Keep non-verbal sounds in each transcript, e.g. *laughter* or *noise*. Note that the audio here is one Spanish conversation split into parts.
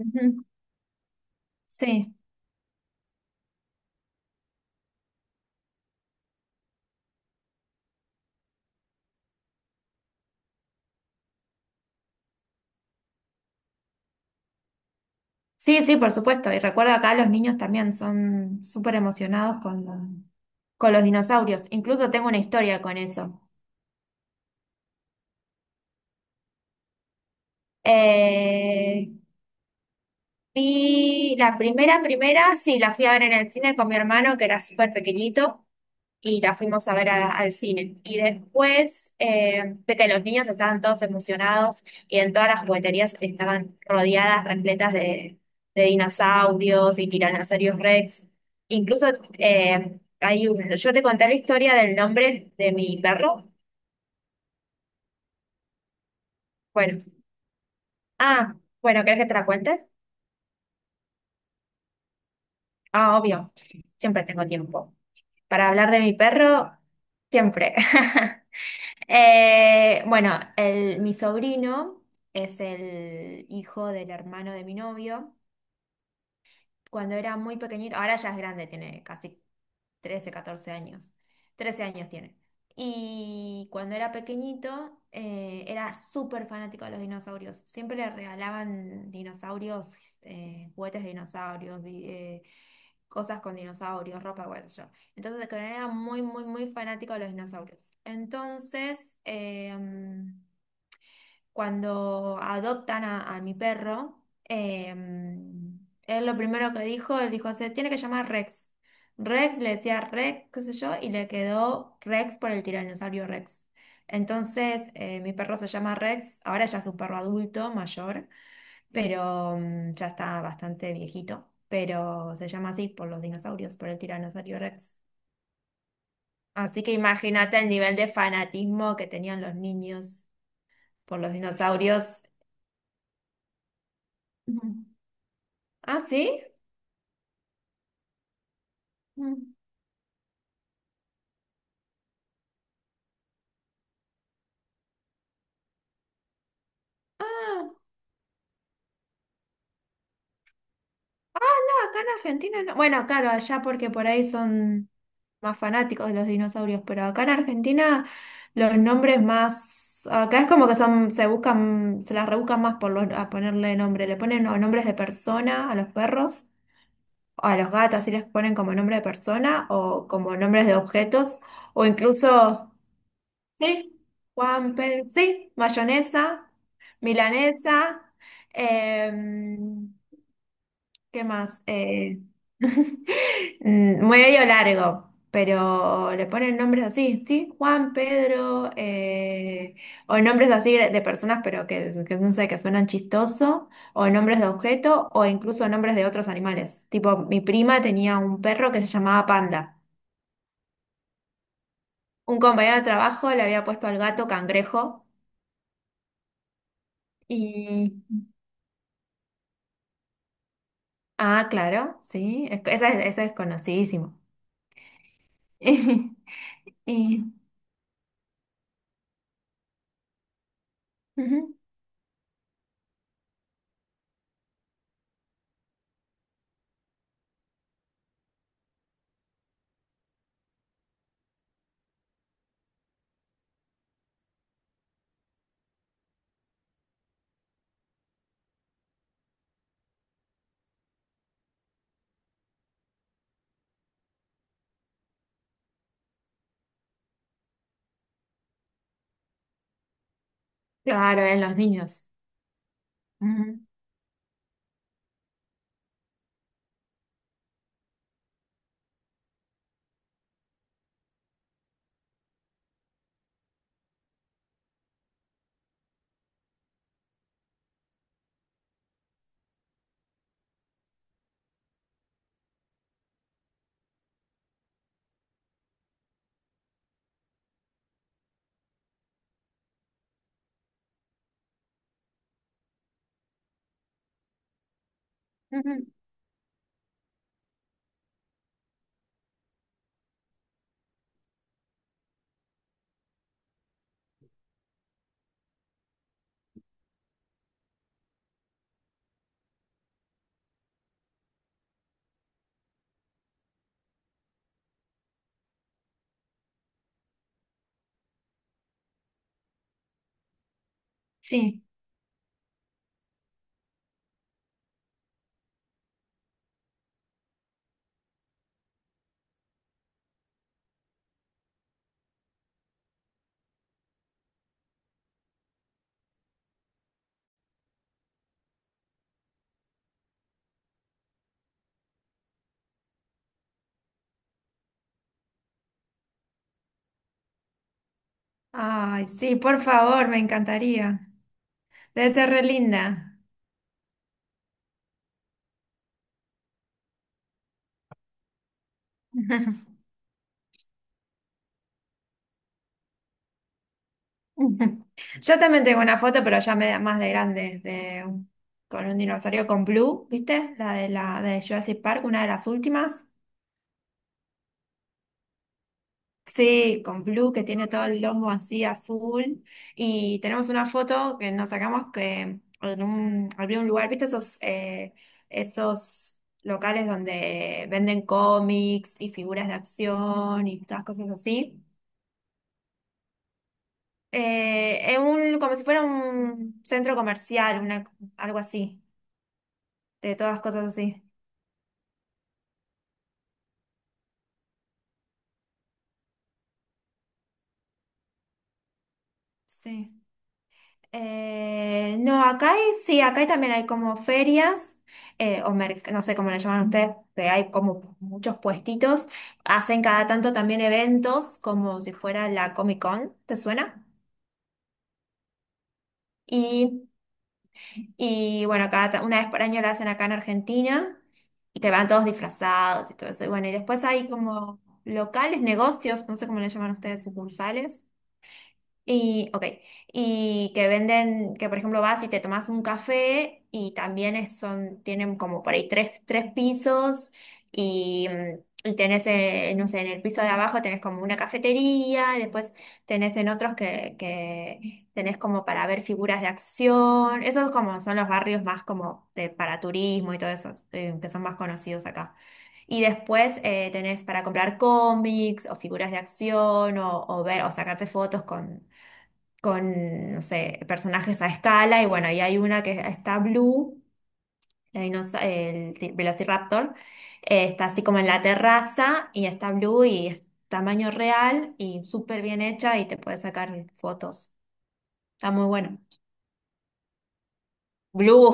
Ujú. Sí, sí, sí, por supuesto. Y recuerda acá los niños también son súper emocionados con, con los dinosaurios. Incluso tengo una historia con eso. Eh, y la primera, primera, sí, la fui a ver en el cine con mi hermano, que era súper pequeñito. Y la fuimos a ver al cine. Y después, viste, los niños estaban todos emocionados y en todas las jugueterías estaban rodeadas, repletas de dinosaurios y tiranosaurios Rex. Incluso hay un, yo te conté la historia del nombre de mi perro. Bueno, ah, bueno, ¿querés que te la cuente? Ah, obvio, siempre tengo tiempo. Para hablar de mi perro, siempre. *laughs* Bueno, mi sobrino es el hijo del hermano de mi novio. Cuando era muy pequeñito, ahora ya es grande, tiene casi 13, 14 años. 13 años tiene. Y cuando era pequeñito, era súper fanático de los dinosaurios. Siempre le regalaban dinosaurios, juguetes de dinosaurios, cosas con dinosaurios, ropa, qué sé yo. Entonces, que era muy, muy, muy fanático de los dinosaurios. Entonces, cuando adoptan a mi perro, él lo primero que dijo, él dijo, se tiene que llamar Rex. Rex le decía Rex, qué sé yo, y le quedó Rex por el tiranosaurio Rex. Entonces, mi perro se llama Rex, ahora ya es un perro adulto, mayor, pero ya está bastante viejito, pero se llama así por los dinosaurios, por el tiranosaurio Rex. Así que imagínate el nivel de fanatismo que tenían los niños por los dinosaurios. Ujú. ¿Ah, sí? Mm. Ah, ah, no, acá en Argentina no. Bueno, claro, allá porque por ahí son más fanáticos de los dinosaurios, pero acá en Argentina los nombres más. Acá es como que son, se buscan, se las rebuscan más por a ponerle nombre. Le ponen o nombres de persona a los perros, o a los gatos, sí les ponen como nombre de persona, o como nombres de objetos, o incluso, sí, Juan, Pedro, sí, mayonesa, milanesa. Eh, ¿Qué más? *laughs* Medio largo, pero le ponen nombres así, ¿sí? Juan, Pedro, o nombres así de personas, pero que no sé, que suenan chistoso, o nombres de objeto, o incluso nombres de otros animales. Tipo, mi prima tenía un perro que se llamaba Panda. Un compañero de trabajo le había puesto al gato Cangrejo y... Ah, claro, sí, esa es conocidísimo. *laughs* Y, ujú, claro, en los niños. Ujú, ujú, sí. Ay, sí, por favor, me encantaría. Debe ser re linda. *laughs* Yo también tengo una foto, pero ya me da más de grande, de, con un dinosaurio con Blue, ¿viste? La de Jurassic Park, una de las últimas. Sí, con Blue que tiene todo el lomo así azul. Y tenemos una foto que nos sacamos que en un, había un lugar, ¿viste esos, esos locales donde venden cómics y figuras de acción y todas cosas así? En un, como si fuera un centro comercial, una, algo así, de todas cosas así. Sí. No, sí, acá hay también hay como ferias, o no sé cómo le llaman ustedes, que hay como muchos puestitos. Hacen cada tanto también eventos, como si fuera la Comic Con, ¿te suena? Y, y bueno, cada, una vez por año la hacen acá en Argentina, y que van todos disfrazados y todo eso. Y bueno, y después hay como locales, negocios, no sé cómo le llaman ustedes, sucursales. Y, ok, y que venden, que por ejemplo vas y te tomas un café y también son, tienen como por ahí 3 pisos y, y tenés, no sé, en el piso de abajo tenés como una cafetería y después tenés en otros que tenés como para ver figuras de acción. Esos como son los barrios más como de, para turismo y todo eso, que son más conocidos acá. Y después tenés para comprar cómics o figuras de acción o ver o sacarte fotos con no sé, personajes a escala, y bueno, y hay una que está Blue, la dinosa- el ti- Velociraptor, está así como en la terraza, y está Blue y es tamaño real y súper bien hecha y te puedes sacar fotos. Está muy bueno. Blue,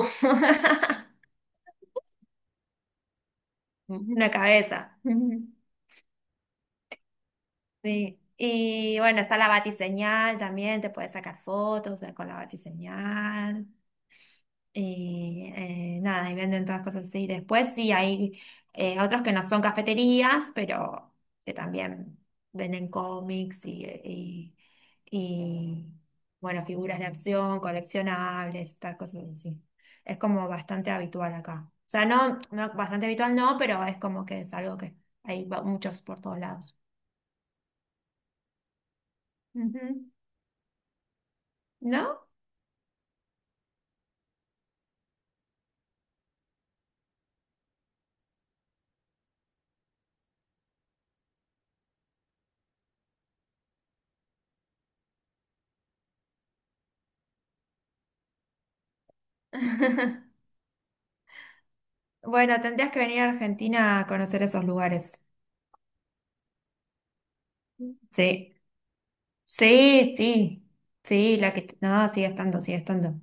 *laughs* una cabeza. *laughs* Sí. Y bueno, está la batiseñal también, te puedes sacar fotos con la batiseñal. Y nada, y venden todas cosas así. Después sí hay otros que no son cafeterías, pero que también venden cómics y bueno, figuras de acción, coleccionables, estas cosas así. Es como bastante habitual acá. O sea, no, no bastante habitual no, pero es como que es algo que muchos por todos lados. Ujú. ¿No? *laughs* Bueno, tendrías que venir a Argentina a conocer esos lugares. Sí. Sí, sí, sí, la que... No, sigue estando, sigue estando.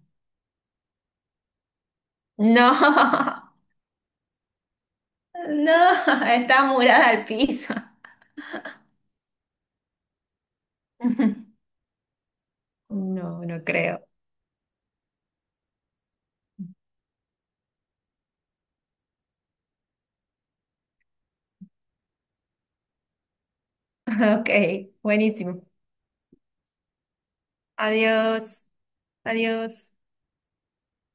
No, *laughs* no, está murada al piso. *laughs* No, no creo. *laughs* Ok, buenísimo. Adiós, adiós.